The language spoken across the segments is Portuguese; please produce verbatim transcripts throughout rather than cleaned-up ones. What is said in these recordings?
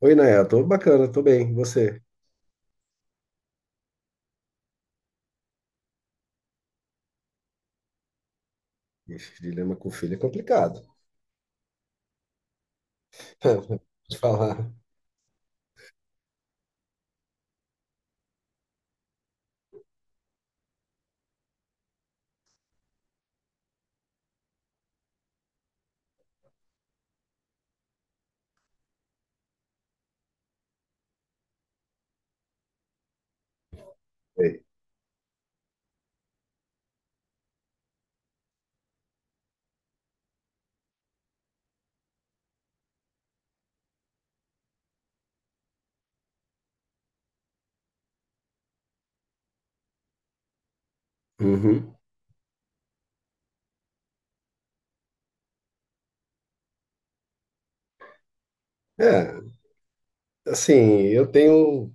Oi, Naya, tô bacana, tô bem, e você? Ixi, dilema com filho é complicado. Vou Te falar. Ei. Uhum. É, assim, eu tenho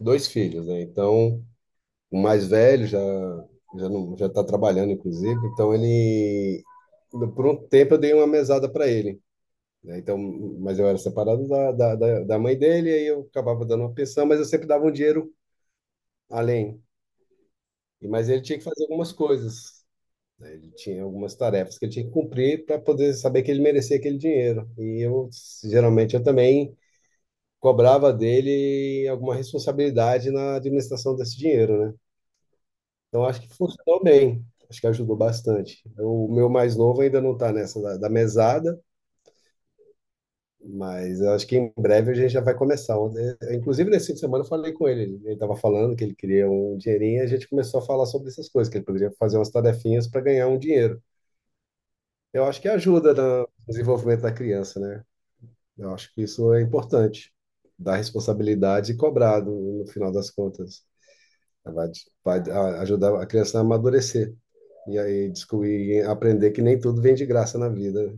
dois filhos, né? Então, o mais velho já já não, já tá trabalhando, inclusive, então ele por um tempo eu dei uma mesada para ele, né? Então, mas eu era separado da, da, da da mãe dele, aí eu acabava dando uma pensão, mas eu sempre dava um dinheiro além. E mas ele tinha que fazer algumas coisas. Né? Ele tinha algumas tarefas que ele tinha que cumprir para poder saber que ele merecia aquele dinheiro. E eu, geralmente, eu também cobrava dele alguma responsabilidade na administração desse dinheiro, né? Então, acho que funcionou bem. Acho que ajudou bastante. O meu mais novo ainda não está nessa da, da mesada, mas eu acho que em breve a gente já vai começar. Ontem- Inclusive, nesse fim de semana eu falei com ele. Ele estava falando que ele queria um dinheirinho e a gente começou a falar sobre essas coisas, que ele poderia fazer umas tarefinhas para ganhar um dinheiro. Eu acho que ajuda no desenvolvimento da criança, né? Eu acho que isso é importante, dar responsabilidade e cobrar no, no final das contas. Vai, vai a- ajudar a criança a amadurecer e aí descobrir, aprender que nem tudo vem de graça na vida.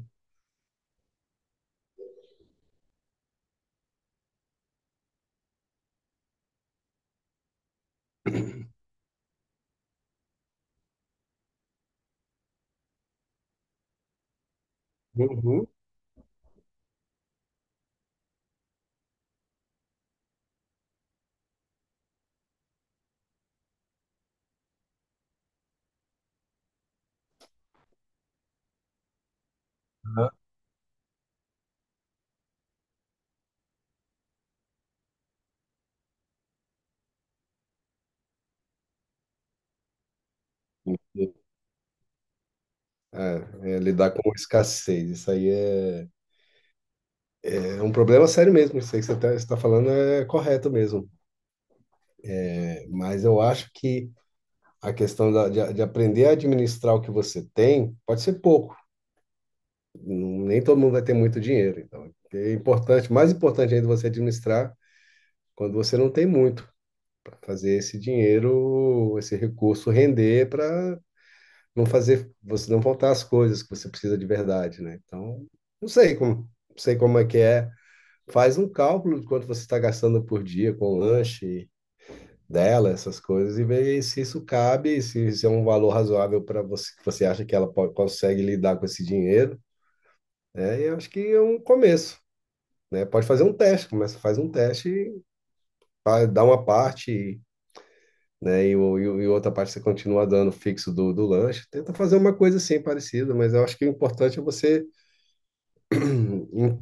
Uhum. É, é lidar com escassez, isso aí é, é um problema sério mesmo. Isso aí que você está falando é correto mesmo. É, mas eu acho que a questão da- de, de aprender a administrar o que você tem pode ser pouco. Nem todo mundo vai ter muito dinheiro. Então, é importante, mais importante ainda você administrar quando você não tem muito, para fazer esse dinheiro, esse recurso render para não fazer você não faltar as coisas que você precisa de verdade, né? Então, não sei como, não sei como é que é. Faz um cálculo de quanto você está gastando por dia com lanche dela, essas coisas, e ver se isso cabe, se isso é um valor razoável para você, que você acha que ela pode, consegue lidar com esse dinheiro. É, eu acho que é um começo. Né? Pode fazer um teste, começa, faz um teste, fa- dá uma parte, né? E, o- e o- e outra parte você continua dando fixo do, do lanche. Tenta fazer uma coisa assim parecida, mas eu acho que o importante é você hum, em-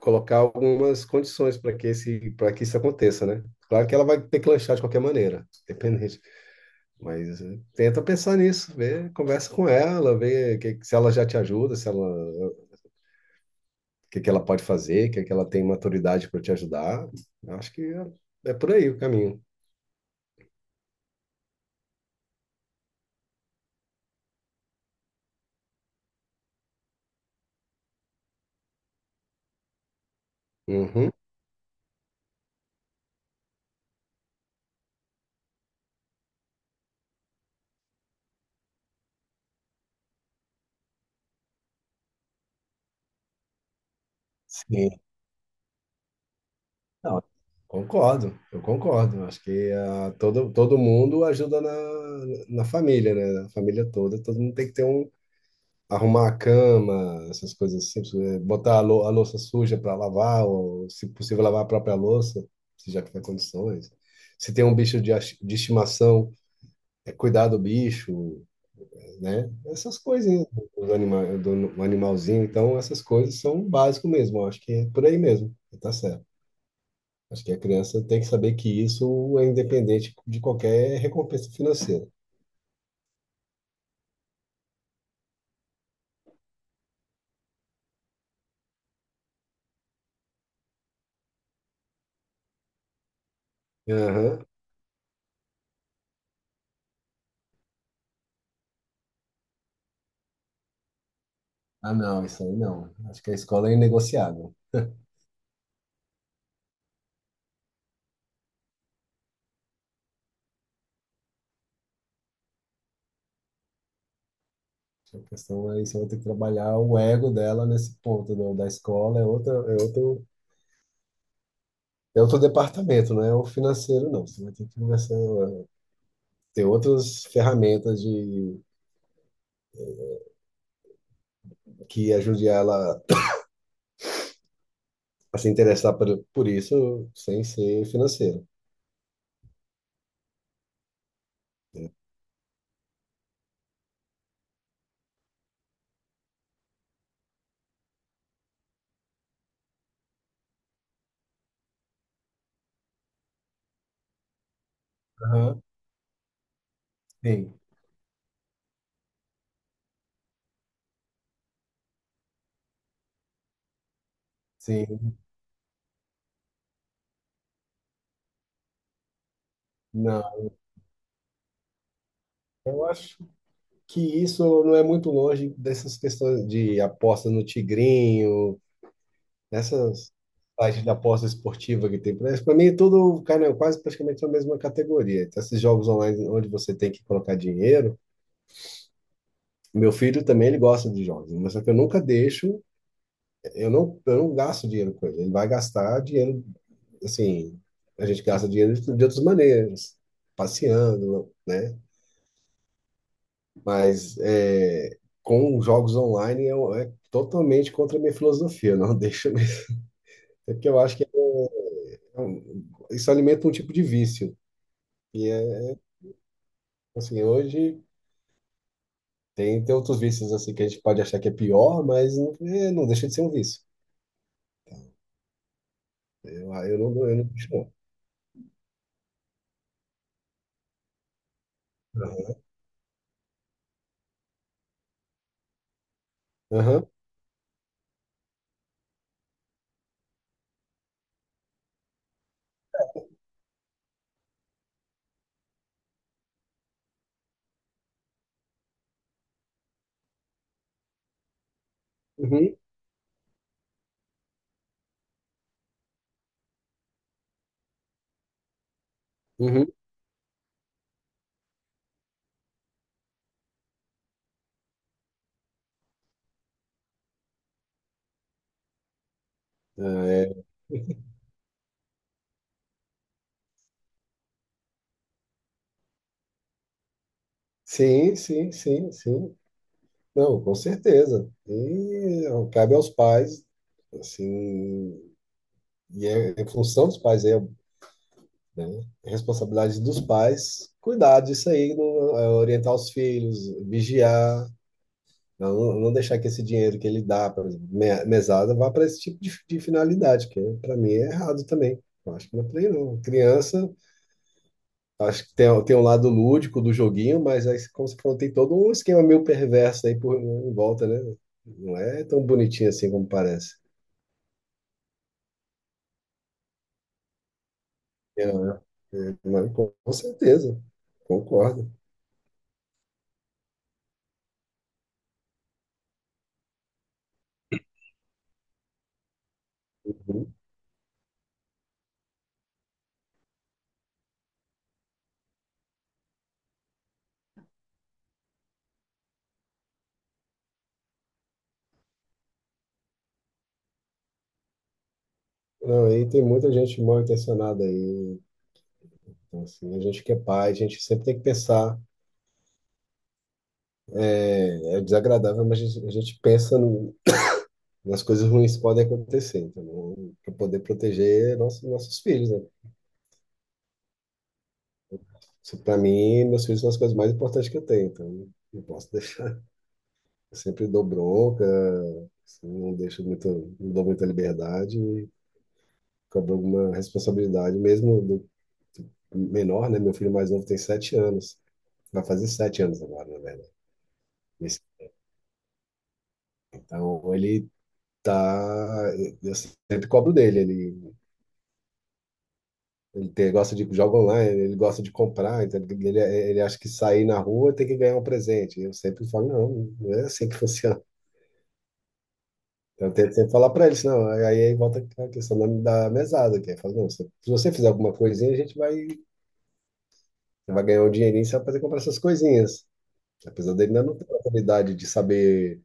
colocar algumas condições para que esse, para que isso aconteça, né? Claro que ela vai ter que lanchar de qualquer maneira, independente. Mas eh, tenta pensar nisso, vê, conversa com ela, vê que- se ela já te ajuda, se ela, o que que ela pode fazer, o que que ela tem maturidade para te ajudar. Eu acho que é, é por aí o caminho. Uhum. Sim. Não, concordo, eu concordo. Acho que ah, todo, todo mundo ajuda na, na família, né? A família toda, todo mundo tem que ter um. Arrumar a cama, essas coisas assim, eh, botar a, lou- a louça suja para lavar, ou se possível, lavar a própria louça, se já tiver condições. Se tem um bicho de, ach- de estimação, é cuidar do bicho, né? Essas coisas, do, anima, do animalzinho. Então, essas coisas são o básico mesmo. Eu acho que é por aí mesmo. Tá certo. Acho que a criança tem que saber que isso é independente de qualquer recompensa financeira. Aham. Ah, não, isso aí não. Acho que a escola é inegociável. A questão é isso, eu vou ter que trabalhar o ego dela nesse ponto, né? O da escola, é outra, é outro, é outro departamento, não é o financeiro, não. Você vai ter que conversar, ter outras ferramentas de, que ajude ela a se interessar por, por isso sem ser financeiro. Né? Aham, sim, sim. Não, eu acho que isso não é muito longe dessas questões de apostas no Tigrinho, dessas sites de aposta esportiva que tem por aí. Para mim, tudo cara, quase praticamente é a mesma categoria. Então, esses jogos online onde você tem que colocar dinheiro. Meu filho também ele gosta de jogos, mas só que eu nunca deixo, eu não, eu não gasto dinheiro com ele. Ele vai gastar dinheiro, assim, a gente gasta dinheiro de outras maneiras, passeando, né? Mas é, com jogos online eu- é totalmente contra a minha filosofia. Não deixa mesmo. É porque eu acho que é um- isso alimenta um tipo de vício. E é é, assim, hoje tem, tem outros vícios assim que a gente pode achar que é pior, mas não, é, não deixa de ser um vício. Eu, ah, eu não, eu não deixo, não. Aham, uhum, uhum. É, sim, sim, sim, sim. Não, com certeza. E ó, cabe aos pais, assim, e é, é função dos pais, é né? Responsabilidade dos pais, cuidar disso aí, não- é, orientar os filhos, vigiar, não, não deixar que esse dinheiro que ele dá, por exemplo, me- mesada, vá para esse tipo de, de finalidade, que para mim é errado também. Eu acho que não é por aí, não. Criança, acho que tem, tem um lado lúdico do joguinho, mas aí, como você falou, tem todo um esquema meio perverso aí por, em volta, né? Não é tão bonitinho assim como parece. É, é, mas com certeza, concordo. Não, aí tem muita gente mal intencionada aí. Então, assim, a gente que é pai, a gente sempre tem que pensar. É, é desagradável, mas a gente, a gente pensa no- nas coisas ruins que podem acontecer, entendeu? Para poder proteger nossos, nossos filhos, né? Isso, para mim, meus filhos são as coisas mais importantes que eu tenho, então não posso deixar. Eu sempre dou bronca, assim, não deixo muito, não dou muita liberdade, e cobro alguma responsabilidade, mesmo do menor, né? Meu filho mais novo tem sete anos, vai fazer sete anos agora, na verdade. Então ele tá. Eu sempre cobro dele. Ele, ele tem- gosta de jogar online, ele gosta de comprar, então ele, ele, ele acha que sair na rua tem que ganhar um presente. Eu sempre falo, não, não é assim que funciona. Então, eu tento sempre falar para eles, não. Aí aí volta a questão da, da mesada, que é, fala, não, se, se você fizer alguma coisinha, a gente vai, você vai ganhar um dinheirinho, você vai fazer comprar essas coisinhas. Apesar dele ainda não ter a oportunidade de saber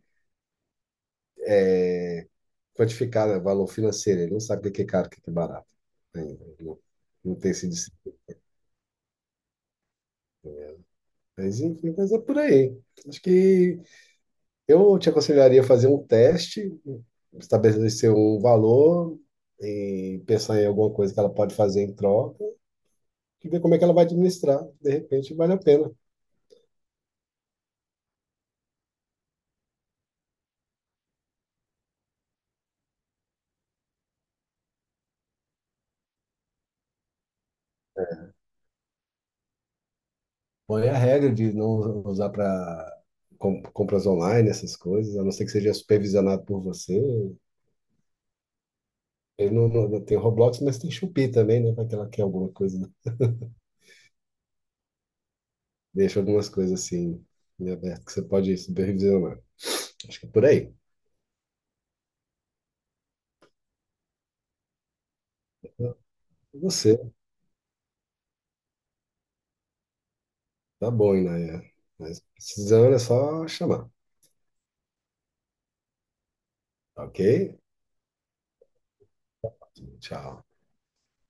quantificar, né, valor financeiro, ele não sabe o que é caro, o que é barato. Né? Ele não, não tem esse Mas enfim, mas é por aí. Acho que eu te aconselharia a fazer um teste, estabelecer um valor e pensar em alguma coisa que ela pode fazer em troca e ver como é que ela vai administrar. De repente, vale a pena. Bom, é a regra de não usar para compras online, essas coisas, a não ser que seja supervisionado por você. Ele não, não- não tem Roblox, mas tem Shopee também, né? Pra que ela quer alguma coisa, né? Deixa algumas coisas assim em aberto que você pode supervisionar. Acho que é por aí. E você, tá bom, Inaya. Mas precisando é só chamar, tá ok? Tchau.